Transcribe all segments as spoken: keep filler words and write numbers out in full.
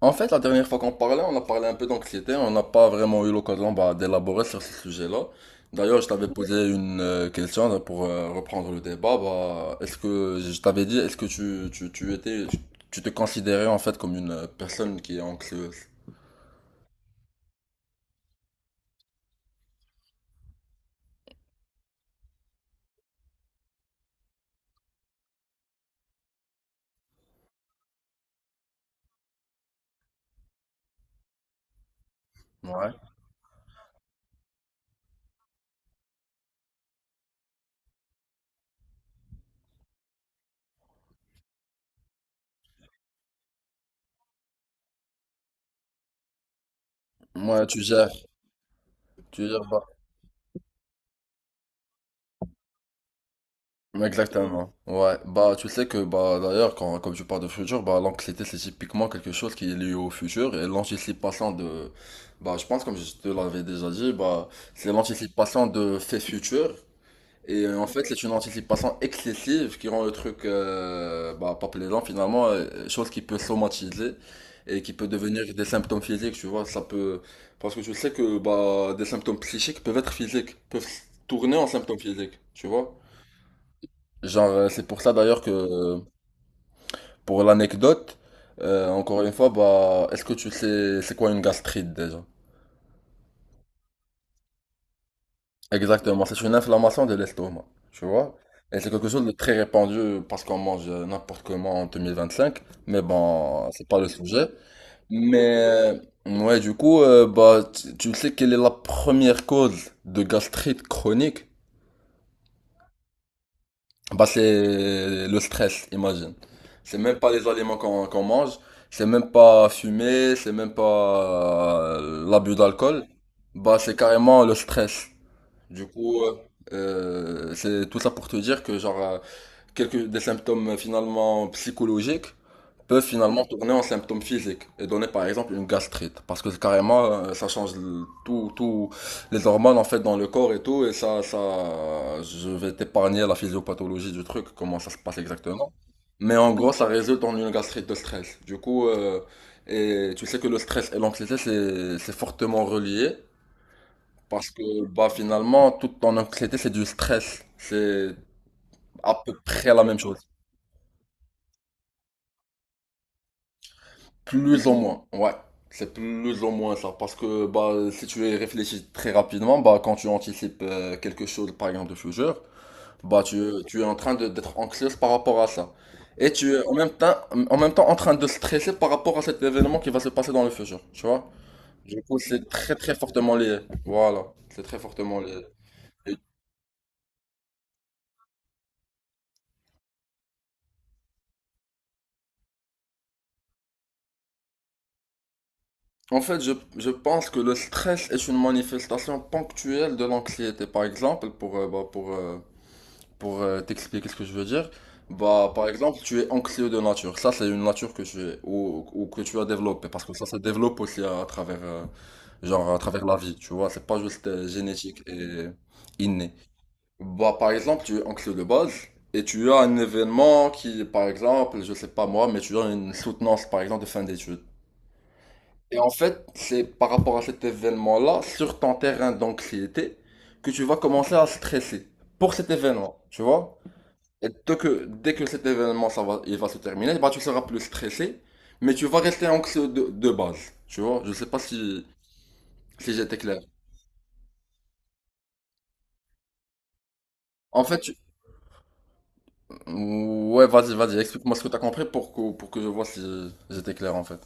En fait, la dernière fois qu'on parlait, on a parlé un peu d'anxiété, on n'a pas vraiment eu l'occasion bah, d'élaborer sur ce sujet-là. D'ailleurs, je t'avais posé une euh, question là, pour euh, reprendre le débat. Bah, est-ce que je t'avais dit, est-ce que tu, tu, tu étais, tu te considérais en fait comme une euh, personne qui est anxieuse? Ouais. Moi, tu gères, tu gères. bah, Exactement. Ouais. Bah, tu sais que, bah, d'ailleurs, quand, comme tu parles de futur, bah, l'anxiété, c'est typiquement quelque chose qui est lié au futur et l'anticipation de, bah, je pense, comme je te l'avais déjà dit, bah, c'est l'anticipation de faits futurs. Et euh, en fait, c'est une anticipation excessive qui rend le truc, euh, bah, pas plaisant finalement, euh, chose qui peut somatiser et qui peut devenir des symptômes physiques, tu vois. Ça peut, parce que tu sais que, bah, des symptômes psychiques peuvent être physiques, peuvent tourner en symptômes physiques, tu vois. Genre, euh, c'est pour ça d'ailleurs que, euh, pour l'anecdote, euh, encore une fois, bah, est-ce que tu sais c'est quoi une gastrite déjà? Exactement, c'est une inflammation de l'estomac, tu vois? Et c'est quelque chose de très répandu parce qu'on mange euh, n'importe comment en deux mille vingt-cinq, mais bon, c'est pas le sujet. Mais, euh, ouais, du coup, euh, bah, tu tu sais quelle est la première cause de gastrite chronique? Bah, c'est le stress, imagine. C'est même pas les aliments qu'on qu'on mange, c'est même pas fumer, c'est même pas euh, l'abus d'alcool. Bah, c'est carrément le stress. Du coup, euh, euh, c'est tout ça pour te dire que genre, euh, quelques des symptômes euh, finalement psychologiques peuvent finalement tourner en symptômes physiques et donner par exemple une gastrite, parce que c'est carrément, euh, ça change le- tout tout les hormones en fait dans le corps et tout. Et ça ça je vais t'épargner la physiopathologie du truc, comment ça se passe exactement, mais en gros ça résulte en une gastrite de stress du coup. Euh, et tu sais que le stress et l'anxiété, c'est c'est fortement relié, parce que bah, finalement, toute ton anxiété, c'est du stress, c'est à peu près la même chose. Plus ou moins, ouais. C'est plus ou moins ça. Parce que bah, si tu y réfléchis très rapidement, bah, quand tu anticipes euh, quelque chose, par exemple de futur, bah, tu, tu es en train de- d'être anxieuse par rapport à ça. Et tu es en même temps, en même temps en train de stresser par rapport à cet événement qui va se passer dans le futur. Tu vois? Du coup, c'est très très fortement lié. Voilà. C'est très fortement lié. Et en fait, je, je pense que le stress est une manifestation ponctuelle de l'anxiété. Par exemple, pour, euh, bah, pour, euh, pour euh, t'expliquer ce que je veux dire, bah, par exemple, tu es anxieux de nature. Ça, c'est une nature que tu es, ou, ou que tu as développée, parce que ça se développe aussi à, à travers, euh, genre, à travers la vie, tu vois. C'est pas juste euh, génétique et inné. Bah, par exemple, tu es anxieux de base, et tu as un événement qui, par exemple, je sais pas moi, mais tu as une soutenance, par exemple, de fin d'études. Et en fait, c'est par rapport à cet événement-là, sur ton terrain d'anxiété, que tu vas commencer à stresser pour cet événement, tu vois? Et dès que, dès que cet événement, ça va, il va se terminer, bah, tu seras plus stressé, mais tu vas rester anxieux de, de base. Tu vois, je sais pas si, si j'étais clair. En fait, tu- ouais, vas-y, vas-y, explique-moi ce que t'as compris pour que, pour que je vois si j'étais clair, en fait.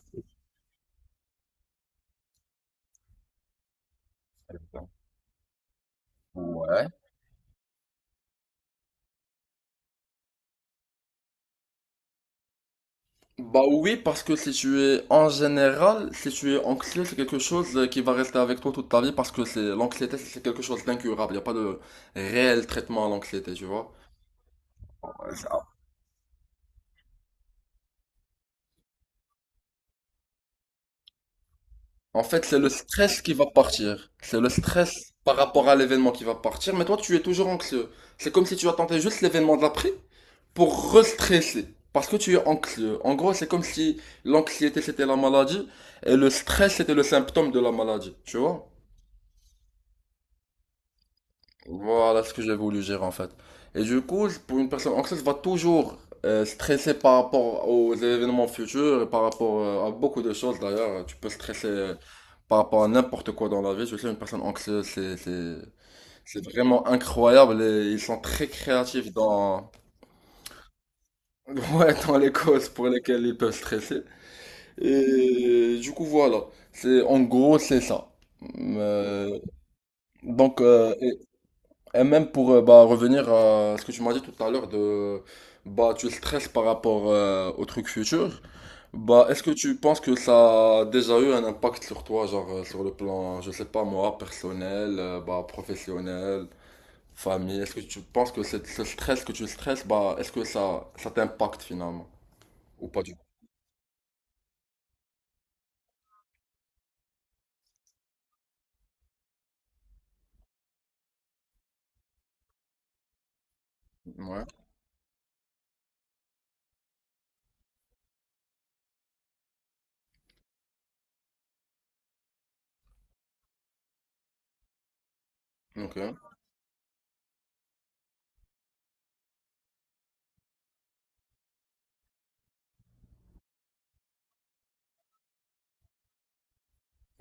Bah oui, parce que si tu es, en général, si tu es anxieux, c'est quelque chose euh, qui va rester avec toi toute ta vie, parce que c'est, l'anxiété, c'est quelque chose d'incurable. Il n'y a pas de réel traitement à l'anxiété, tu vois. En fait, c'est le stress qui va partir. C'est le stress par rapport à l'événement qui va partir. Mais toi, tu es toujours anxieux. C'est comme si tu attendais juste l'événement d'après pour restresser. Parce que tu es anxieux. En gros, c'est comme si l'anxiété c'était la maladie et le stress c'était le symptôme de la maladie. Tu vois? Voilà ce que j'ai voulu dire en fait. Et du coup, pour une personne anxieuse, va toujours euh, stresser par rapport aux événements futurs et par rapport euh, à beaucoup de choses d'ailleurs. Tu peux stresser euh, par rapport à n'importe quoi dans la vie. Je sais, une personne anxieuse, c'est, c'est, c'est vraiment incroyable, et ils sont très créatifs dans, ouais, dans les causes pour lesquelles ils peuvent stresser. Et du coup, voilà. C'est, en gros, c'est ça. Euh, donc, euh, et même pour, euh, bah, revenir à ce que tu m'as dit tout à l'heure de bah tu stresses par rapport euh, au truc futur, bah est-ce que tu penses que ça a déjà eu un impact sur toi, genre, euh, sur le plan, je sais pas moi, personnel, euh, bah professionnel, famille, est-ce que tu penses que cette- ce stress que tu stresses, bah est-ce que ça ça t'impacte finalement, ou pas du tout? Ouais. Ok.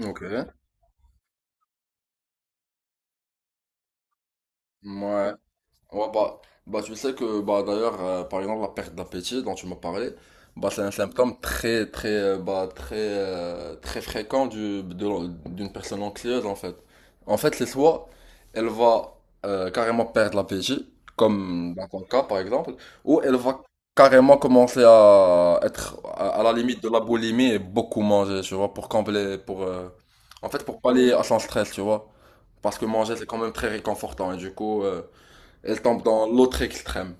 Ok. Ouais. Ouais, bah, bah, tu sais que, bah, d'ailleurs, euh, par exemple, la perte d'appétit dont tu m'as parlé, bah, c'est un symptôme très, très, euh, bah, très, euh, très fréquent du, de- d'une personne anxieuse, en fait. En fait, c'est soit elle va euh, carrément perdre l'appétit, comme dans ton cas, par exemple, ou elle va carrément commencer à être à, à la limite de la boulimie et beaucoup manger, tu vois, pour combler, pour, euh, en fait, pour pallier à son stress, tu vois. Parce que manger, c'est quand même très réconfortant, et du coup, euh, elle tombe dans l'autre extrême.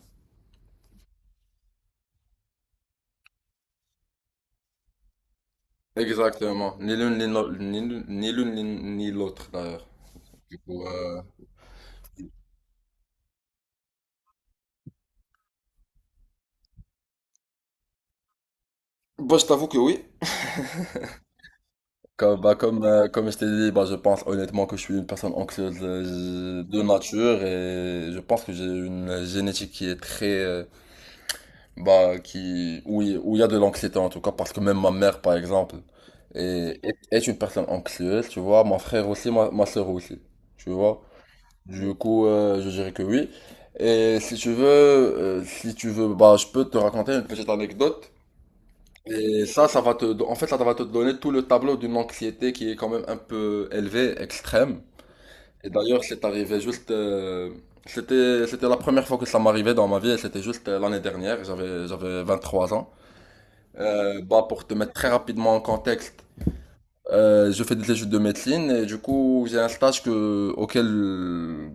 Exactement. Ni l'une ni l'autre- ni l'une- ni l'une, ni- ni l'autre d'ailleurs. Du coup, euh, bah, je t'avoue que oui. Comme, bah, comme, euh, comme je t'ai dit, bah, je pense honnêtement que je suis une personne anxieuse euh, de nature, et je pense que j'ai une génétique qui est très, euh, bah, qui, où il où il y a de l'anxiété en tout cas, parce que même ma mère, par exemple, est, est, est une personne anxieuse, tu vois, mon frère aussi, ma, ma soeur aussi, tu vois. Du coup, euh, je dirais que oui. Et si tu veux, euh, si tu veux, bah, je peux te raconter une petite anecdote. Et ça, ça va te, en fait, ça va te donner tout le tableau d'une anxiété qui est quand même un peu élevée, extrême. Et d'ailleurs, c'est arrivé juste, euh, c'était, c'était la première fois que ça m'arrivait dans ma vie, et c'était juste euh, l'année dernière, j'avais, j'avais vingt trois ans. Euh, bah, pour te mettre très rapidement en contexte, euh, je fais des études de médecine, et du coup, j'ai un stage que, auquel,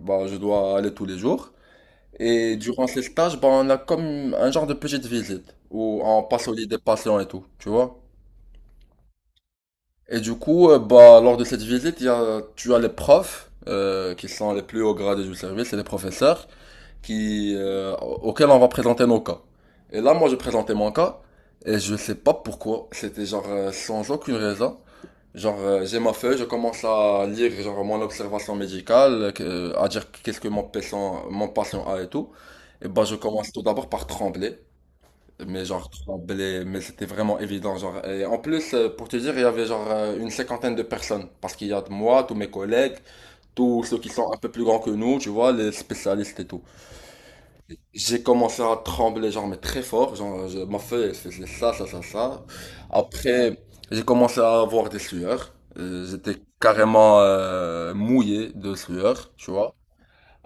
bah, je dois aller tous les jours. Et durant ces stages, bah, on a comme un genre de petite visite où on passe au lit des patients et tout, tu vois. Et du coup, euh, bah, lors de cette visite, il y a, tu as les profs euh, qui sont les plus hauts gradés du service et les professeurs qui, euh, auxquels on va présenter nos cas. Et là, moi, je présentais mon cas, et je sais pas pourquoi, c'était genre, euh, sans aucune raison. Genre, euh, j'ai ma feuille, je commence à lire genre, mon observation médicale, que- euh, à dire qu'est-ce que mon patient, mon patient a et tout. Et bah, je commence tout d'abord par trembler. Mais genre, trembler, mais c'était vraiment évident. Genre. Et en plus, euh, pour te dire, il y avait genre, euh, une cinquantaine de personnes. Parce qu'il y a de moi, tous mes collègues, tous ceux qui sont un peu plus grands que nous, tu vois, les spécialistes et tout. J'ai commencé à trembler, genre, mais très fort. Genre, je- ma feuille, elle faisait ça, ça, ça, ça. Après, j'ai commencé à avoir des sueurs. Euh, J'étais carrément euh, mouillé de sueur, tu vois.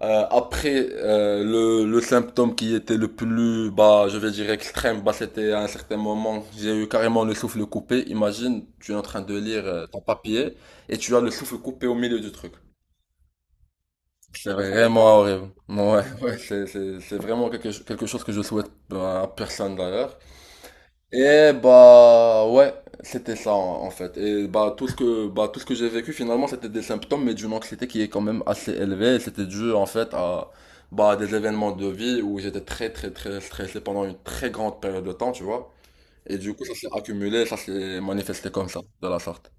Euh, après, euh, le, le symptôme qui était le plus, bah, je vais dire extrême, bah, c'était à un certain moment, j'ai eu carrément le souffle coupé. Imagine, tu es en train de lire euh, ton papier et tu as le souffle coupé au milieu du truc. C'est vraiment horrible. Ouais, ouais, c'est, c'est, c'est vraiment quelque, cho- quelque chose que je souhaite bah, à personne d'ailleurs. Et bah ouais, c'était ça en en fait. Et bah, tout ce que bah tout ce que j'ai vécu finalement, c'était des symptômes mais d'une anxiété qui est quand même assez élevée. Et c'était dû en fait à bah des événements de vie où j'étais très très très stressé pendant une très grande période de temps, tu vois. Et du coup ça s'est accumulé, ça s'est manifesté comme ça, de la sorte.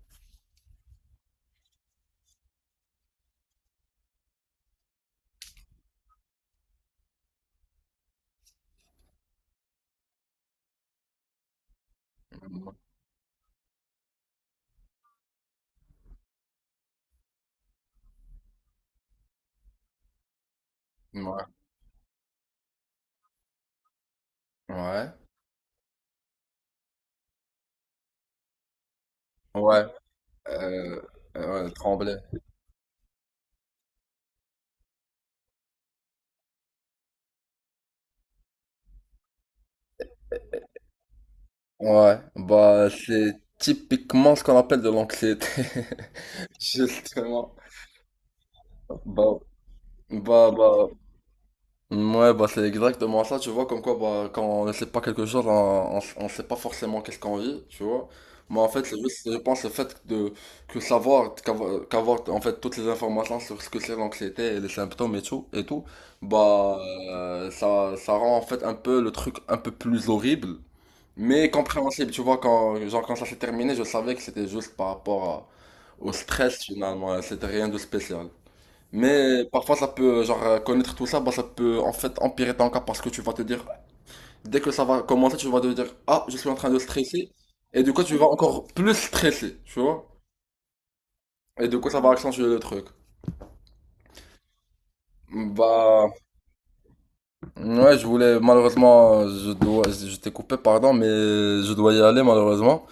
Ouais. Ouais. Ouais. Euh, euh, ouais, trembler. Ouais, bah c'est typiquement ce qu'on appelle de l'anxiété, justement. Bah, bah, Bah, ouais, bah c'est exactement ça, tu vois, comme quoi, bah, quand on ne sait pas quelque chose, on, on, on sait pas forcément qu'est-ce qu'on vit, tu vois. Mais en fait, c'est juste, je pense, le fait de, que savoir, qu'avoir, qu'avoir, en fait, toutes les informations sur ce que c'est l'anxiété et les symptômes et tout, et tout, bah, euh, ça, ça rend en fait un peu le truc un peu plus horrible. Mais compréhensible, tu vois, quand, genre, quand ça s'est terminé, je savais que c'était juste par rapport à- au stress finalement, c'était rien de spécial. Mais parfois ça peut, genre, euh, connaître tout ça, bah, ça peut en fait empirer ton cas parce que tu vas te dire, dès que ça va commencer, tu vas te dire, ah, je suis en train de stresser, et du coup tu vas encore plus stresser, tu vois, et du coup ça va accentuer le truc. Bah, ouais, je voulais, malheureusement, je dois, je t'ai coupé, pardon, mais je dois y aller malheureusement.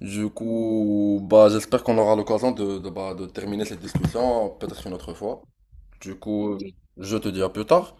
Du coup, bah, j'espère qu'on aura l'occasion de, de, bah, de terminer cette discussion, peut-être une autre fois. Du coup, je te dis à plus tard.